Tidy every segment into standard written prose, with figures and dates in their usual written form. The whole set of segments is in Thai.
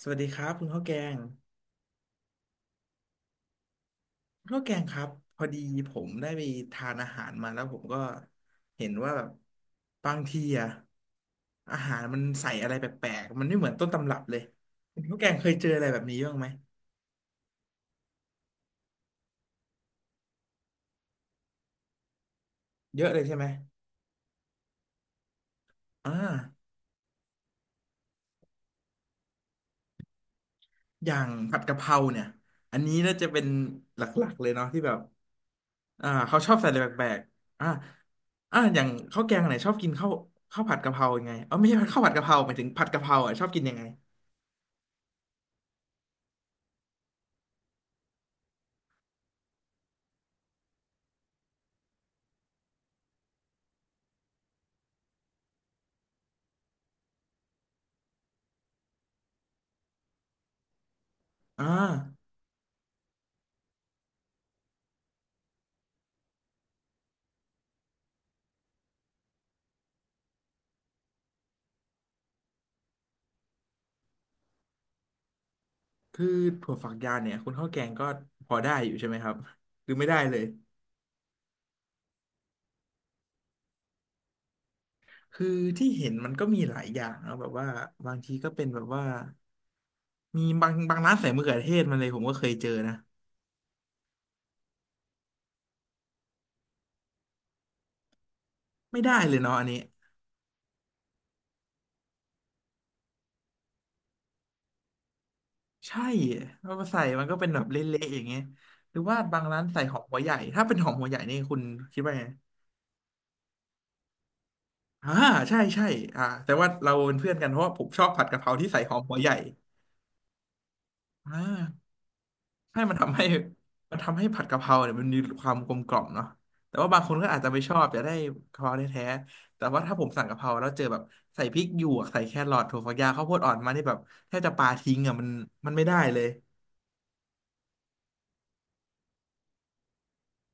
สวัสดีครับคุณข้าวแกงคุณข้าวแกงครับพอดีผมได้ไปทานอาหารมาแล้วผมก็เห็นว่าแบบบางทีอะอาหารมันใส่อะไรแปลกๆมันไม่เหมือนต้นตำรับเลยคุณข้าวแกงเคยเจออะไรแบบนี้บ้างไหมเยอะเลยใช่ไหมอ่าอย่างผัดกะเพราเนี่ยอันนี้น่าจะเป็นหลักๆเลยเนาะที่แบบเขาชอบใส่อะไรแปลกๆอย่างข้าวแกงไหนชอบกินข้าวข้าวผัดกะเพรายังไงเออไม่ใช่ข้าวผัดกะเพราหมายถึงผัดกะเพราอ่ะชอบกินยังไงอ่า คือถั่วฝักยาวเนี่ยคุณข้าวแกงก็พอได้อยู่ใช่ไหมครับหรือไม่ได้เลยคือที่เห็นมันก็มีหลายอย่างนะแบบว่าบางทีก็เป็นแบบว่ามีบางร้านใส่มะเขือเทศมาเลยผมก็เคยเจอนะไม่ได้เลยเนาะอันนี้ใช่เอามาใส่มันก็เป็นแบบเละๆอย่างเงี้ยหรือว่าบางร้านใส่หอมหัวใหญ่ถ้าเป็นหอมหัวใหญ่นี่คุณคิดว่าไงอ่าใช่ใช่แต่ว่าเราเป็นเพื่อนกันเพราะว่าผมชอบผัดกะเพราที่ใส่หอมหัวใหญ่อ่า ให้มันทำให้มันทำให้ผัดกะเพราเนี่ยมันมีความกลมกล่อมเนาะแต่ว่าบางคนก็อาจจะไม่ชอบอยากได้กะเพราแท้ๆแต่ว่าถ้าผมสั่งกะเพราแล้วเจอแบบใส่พริกหยวกใส่แครอทถั่วฝักยาวข้าวโพดอ่อนมานี่แบบแทบจะปาทิ้งอ่ะมันไม่ได้เลย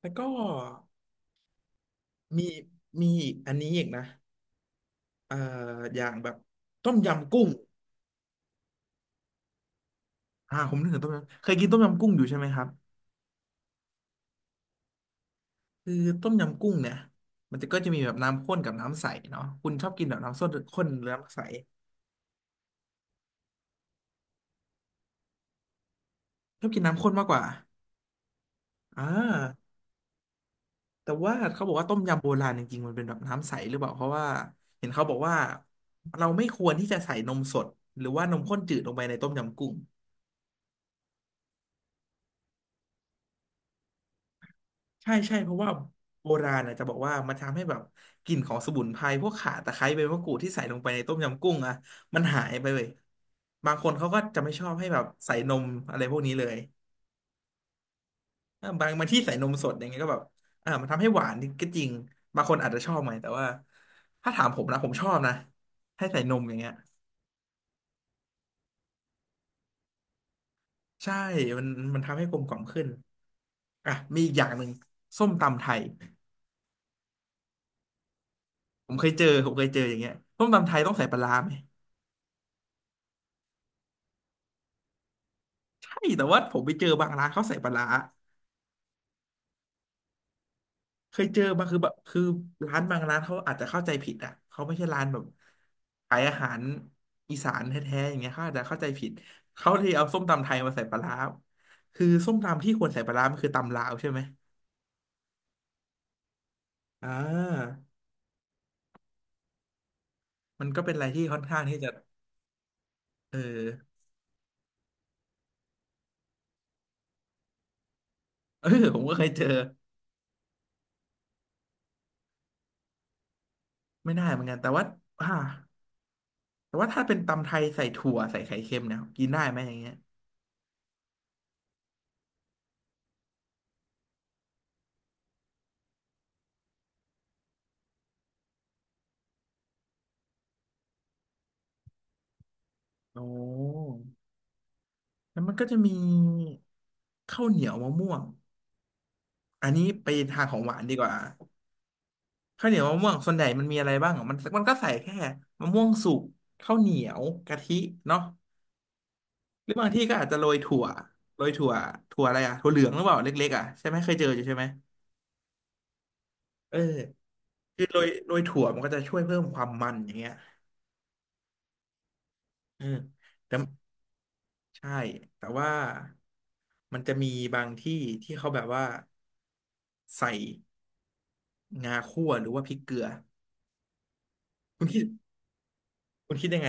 แล้วก็มีมีอันนี้อีกนะเอ่ออย่างแบบต้มยำกุ้งผมนึกถึงต้มยำเคยกินต้มยำกุ้งอยู่ใช่ไหมครับคือต้มยำกุ้งเนี่ยมันก็จะมีแบบน้ำข้นกับน้ำใสเนาะคุณชอบกินแบบน้ำส้มข้นหรือน้ำใสชอบกินน้ำข้นมากกว่า อ่าแต่ว่าเขาบอกว่าต้มยำโบราณจริงๆมันเป็นแบบน้ำใสหรือเปล่าเพราะว่าเห็นเขาบอกว่าเราไม่ควรที่จะใส่นมสดหรือว่านมข้นจืดลงไปในต้มยำกุ้งใช่ใช่เพราะว่าโบราณนะจะบอกว่ามันทำให้แบบกลิ่นของสมุนไพรพวกข่าตะไคร้ใบมะกรูดที่ใส่ลงไปในต้มยำกุ้งอ่ะมันหายไปเลยบางคนเขาก็จะไม่ชอบให้แบบใส่นมอะไรพวกนี้เลย อ่ะบางที่ใส่นมสดอย่างเงี้ยก็แบบมันทำให้หวานก็จริงบางคนอาจจะชอบไหมแต่ว่าถ้าถามผมนะผมชอบนะให้ใส่นมอย่างเงี้ยใช่มันมันทำให้กลมกล่อมขึ้นอ่ะมีอีกอย่างหนึ่งส้มตำไทยผมเคยเจออย่างเงี้ยส้มตำไทยต้องใส่ปลาร้าไหมใช่แต่ว่าผมไปเจอบางร้านเขาใส่ปลาร้า เคยเจอมาคือร้านบางร้านเขาอาจจะเข้าใจผิดอ่ะเขาไม่ใช่ร้านแบบขายอาหารอีสานแท้ๆอย่างเงี้ยเขาอาจจะเข้าใจผิดเขาเลยเอาส้มตำไทยมาใส่ปลาร้าคือส้มตำที่ควรใส่ปลาร้ามันคือตำลาวใช่ไหมอ่ามันก็เป็นอะไรที่ค่อนข้างที่จะเออเออผมก็เคยเจอไม่ได้เหมือนกันแต่ว่าอ่าแต่ว่าถ้าเป็นตำไทยใส่ถั่วใส่ไข่เค็มเนี่ยกินได้ไหมอย่างเงี้ยโอ้แล้วมันก็จะมีข้าวเหนียวมะม่วง อันนี้ไปทางของหวานดีกว่าข้าวเหนียวมะม่วงส่วนใหญ่มันมีอะไรบ้างอ่ะมันก็ใส่แค่มะม่วงสุกข้าวเหนียวกะทิเนาะหรือบางที่ก็อาจจะโรยถั่วโรยถั่วถั่วอะไรอ่ะถั่วเหลืองหรือเปล่าเล็กๆอ่ะใช่ไหมเคยเจออยู่ใช่ไหมเออคือโรยถั่วมันก็จะช่วยเพิ่มความมันอย่างเงี้ยเออแต่ใช่แต่ว่ามันจะมีบางที่ที่เขาแบบว่าใส่งาคั่วหรือว่าพริกเกลือคุณคิดคุณคิดยังไง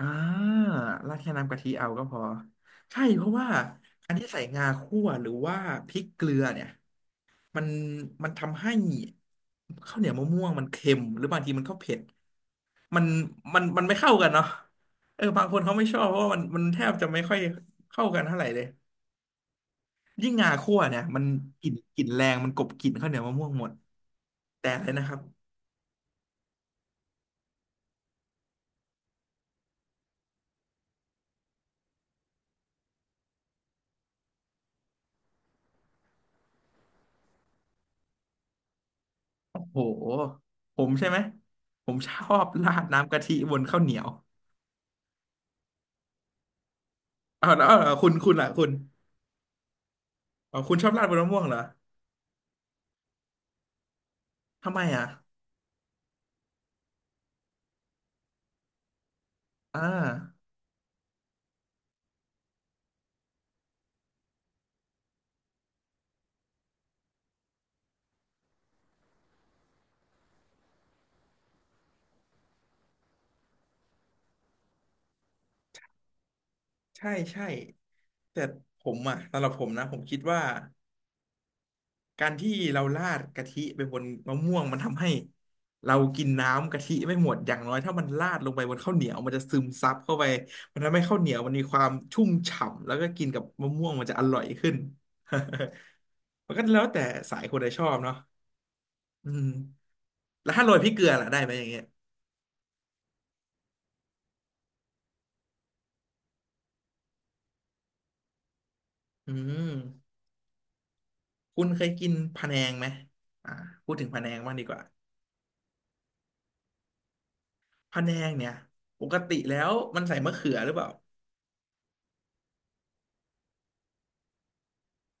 อ่าราดแค่น้ำกะทิเอาก็พอใช่เพราะว่าอันที่ใส่งาคั่วหรือว่าพริกเกลือเนี่ยมันมันทำให้ข้าวเหนียวมะม่วงมันเค็มหรือบางทีมันก็เผ็ดมันมันไม่เข้ากันเนาะเออบางคนเขาไม่ชอบเพราะว่ามันแทบจะไม่ค่อยเข้ากันเท่าไหร่เลยยิ่งงาคั่วเนี่ยมันกลิ่นแรงมันกลบกลิ่นข้าวเหนียวมะม่วงหมดแต่เลยนะครับโอ้โหผมใช่ไหมผมชอบราดน้ำกะทิบนข้าวเหนียวเอาแล้วเอาแล้วคุณล่ะคุณ อ๋อคุณชอบราดบนมะม่วงเหรอทำไมอ่ะอ่าใช่ใช่แต่ผมอ่ะสำหรับผมนะผมคิดว่าการที่เราราดกะทิไปบนมะม่วงมันทำให้เรากินน้ำกะทิไม่หมดอย่างน้อยถ้ามันราดลงไปบนข้าวเหนียวมันจะซึมซับเข้าไปมันทำให้ข้าวเหนียวมันมีความชุ่มฉ่ำแล้วก็กินกับมะม่วงมันจะอร่อยขึ้น มันก็แล้วแต่สายคนใดชอบเนาะอืมแล้วถ้าโรยพริกเกลือล่ะได้ไหมอย่างเงี้ยอืม คุณเคยกินพะแนงไหมอ่าพูดถึงพะแนงบ้างดีกว่าพะแนงเนี่ยปกติแล้วมันใส่มะเขือหรือเปล่า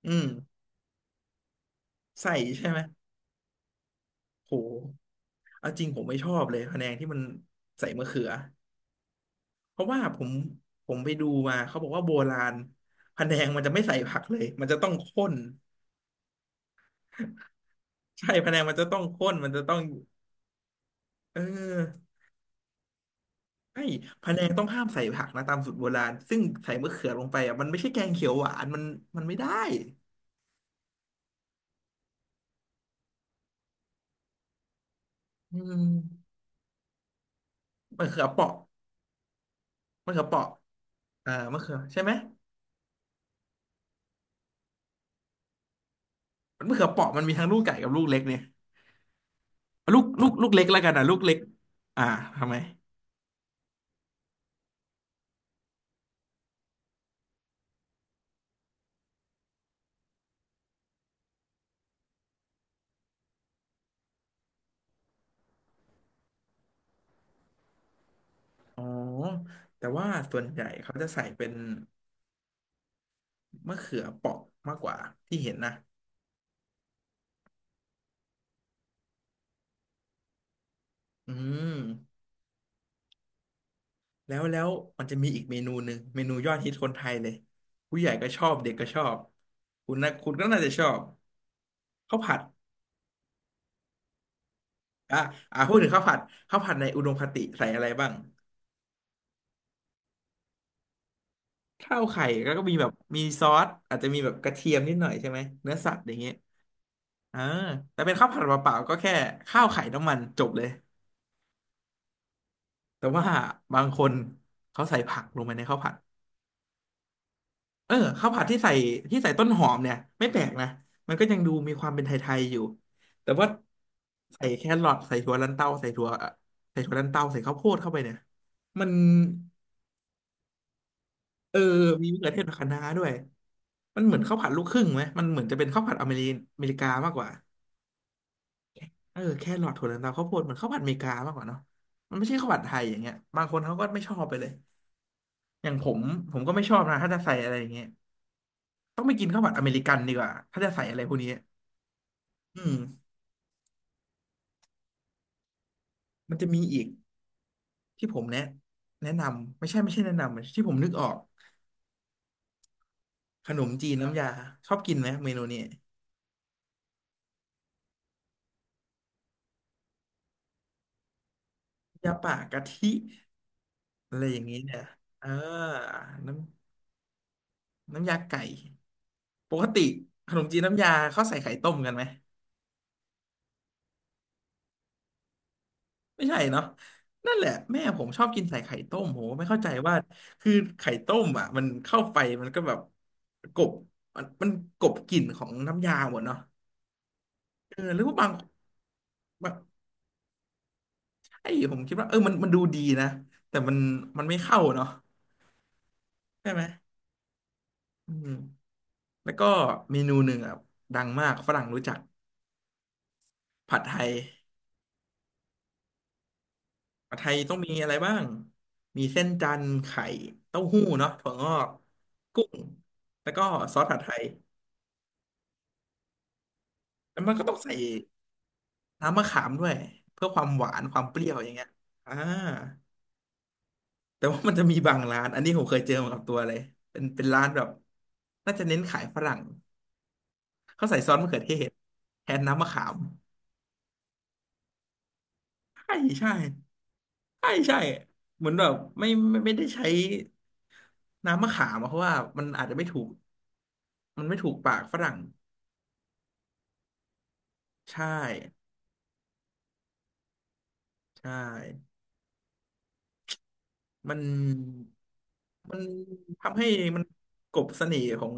อืมใส่ใช่ไหมโหเอาจริงผมไม่ชอบเลยพะแนงที่มันใส่มะเขือเพราะว่าผมไปดูมาเขาบอกว่าโบราณพะแนงมันจะไม่ใส่ผักเลยมันจะต้องข้น ใช่พะแนงมันจะต้องข้นมันจะต้องเออใช่พะแนงต้องห้ามใส่ผักนะตามสูตรโบราณซึ่งใส่มะเขือลงไปอ่ะมันไม่ใช่แกงเขียวหวานมันไม่ได้อืม มะเขือเปราะมะเขือเปราะอ่ามะเขือใช่ไหมมะเขือเปราะมันมีทั้งลูกใหญ่กับลูกเล็กเนี่ยเอาลูกเล็กแล้วกันอ่ะลูกเล็กอ่าทำไมอ๋อแต่ว่าส่วนใหญ่เขาจะใส่เป็นมะเขือเปราะมากกว่าที่เห็นนะอืมแล้วมันจะมีอีกเมนูหนึ่งเมนูยอดฮิตคนไทยเลยผู้ใหญ่ก็ชอบ เด็กก็ชอบ คุณนะคุณก็น่าจะชอบข้าวผัดอ่ะอ่ะพูดถึงข้าวผัดข้าวผัดในอุดมคติใส่อะไรบ้าง ข้าวไข่แล้วก็มีแบบมีซอสอาจจะมีแบบกระเทียมนิดหน่อยใช่ไหมเนื้อสัตว์อย่างเงี้ยอ่าแต่เป็นข้าวผัดเปล่าๆก็แค่ข้าวไข่น้ำมันจบเลยแต่ว่าบางคนเขาใส่ผักลงไปในข้าวผัดเออข้าวผัดที่ใส่ที่ใส่ต้นหอมเนี่ยไม่แปลกนะมันก็ยังดูมีความเป็นไทยๆอยู่แต่ว่าใส่แครอทใส่ถั่วลันเต้าใส่ถั่วลันเต้าใส่ข้าวโพดเข้าไปเนี่ยมันเออมีมะเขือเทศกับคะน้าด้วยมันเหมือนข้าวผัดลูกครึ่งไหมมันเหมือนจะเป็นข้าวผัดอเมริกามากกว่า เออแครอทถั่วเหลืองตามข้าวโพดเหมือนข้าวผัดอเมริกามากกว่าเนาะมันไม่ใช่ข้าวผัดไทยอย่างเงี้ยบางคนเขาก็ไม่ชอบไปเลยอย่างผมผมก็ไม่ชอบนะถ้าจะใส่อะไรอย่างเงี้ยต้องไปกินข้าวผัดอเมริกันดีกว่าถ้าจะใส่อะไรพวกนี้อืมมันจะมีอีกที่ผมแนะแนะนำไม่ใช่ไม่ใช่แนะนำที่ผมนึกออกขนมจีนน้ำยาชอบกินไหมเมนูนี้ยาป่ากะทิอะไรอย่างนี้เนี่ยเออน้ำน้ำยาไก่ปกติขนมจีนน้ำยาเขาใส่ไข่ต้มกันไหม ไม่ใช่เนาะนั่นแหละแม่ผมชอบกินใส่ไข่ต้มผมไม่เข้าใจว่าคือไข่ต้มอ่ะมันเข้าไปมันก็แบบกบมันกบกลิ่นของน้ำยาหมดเนาะเออหรือว่าบางแบบไอ้ผมคิดว่าเออมันมันดูดีนะแต่มันมันไม่เข้าเนาะใช่ไหมอืมแล้วก็เมนูหนึ่งอ่ะดังมากฝรั่งรู้จักผัดไทยผัดไทยต้องมีอะไรบ้างมีเส้นจันทร์ไข่เต้าหู้เนาะถั่วงอกกุ้งแล้วก็ซอสผัดไทยแล้วมันก็ต้องใส่ น้ำมะขามด้วยเพื่อความหวานความเปรี้ยวอย่างเงี้ยอ่าแต่ว่ามันจะมีบางร้านอันนี้ผมเคยเจอมากับตัวเลยเป็นเป็นร้านแบบน่าจะเน้นขายฝรั่งเขาใส่ซอสมะเขือเทศแทนน้ำมะขามใช่ใช่ใช่ใช่เหมือนแบบไม่ได้ใช้น้ำมะขามอะเพราะว่ามันอาจจะไม่ถูกมันไม่ถูกปากฝรั่งใช่ใช่ มันมันทำให้มันกลบเสน่ห์ของ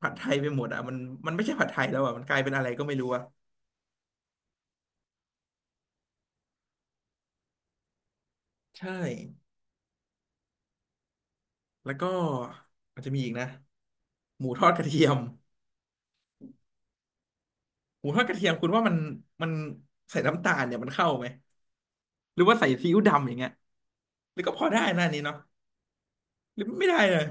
ผัดไทยไปหมดอ่ะมันมันไม่ใช่ผัดไทยแล้วอ่ะมันกลายเป็นอะไรก็ไม่รู้อ่ะใช่แล้วก็มันจะมีอีกนะหมูทอดกระเทียมหมูทอดกระเทียมคุณว่ามันมันใส่น้ำตาลเนี่ยมันเข้าไหมหรือว่าใส่ซีอิ๊วดำอย่างเงี้ยหรือก็พอได้นะอันนี้เนาะหรือไม่ได้เลย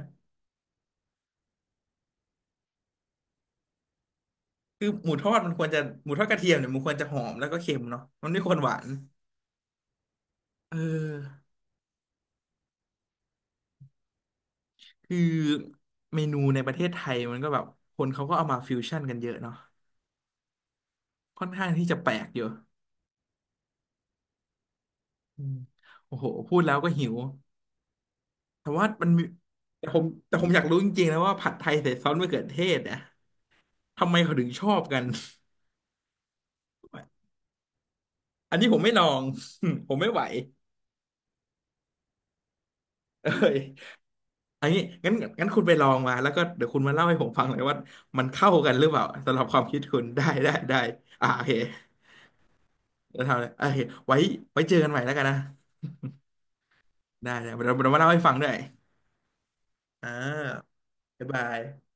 คือหมูทอดมันควรจะหมูทอดกระเทียมเนี่ยมันควรจะหอมแล้วก็เค็มเนาะมันไม่ควรหวานเออ คือเมนูในประเทศไทยมันก็แบบคนเขาก็เอามาฟิวชั่นกันเยอะเนาะค่อนข้างที่จะแปลกอยู่อืมโอ้โหพูดแล้วก็หิวแต่ว่ามันมีแต่ผมอยากรู้จริงๆนะว่าผัดไทยใส่ซอสมะเขือเทศเนี่ยทำไมเขาถึงชอบกัน อันนี้ผมไม่ลอง ผมไม่ไหวเอ้ยอันนี้งั้นงั้นคุณไปลองมาแล้วก็เดี๋ยวคุณมาเล่าให้ผมฟังเลยว่ามันเข้ากันหรือเปล่าสำหรับความคิดคุณได้ได้ได้อ่าโอเคจะทำเลยโอเคไว้ไว้เจอกันใหม่แล้วกันนะได้เดี๋ยวเรามาเล่าให้ฟังด้วย อ่าบ๊ายบาย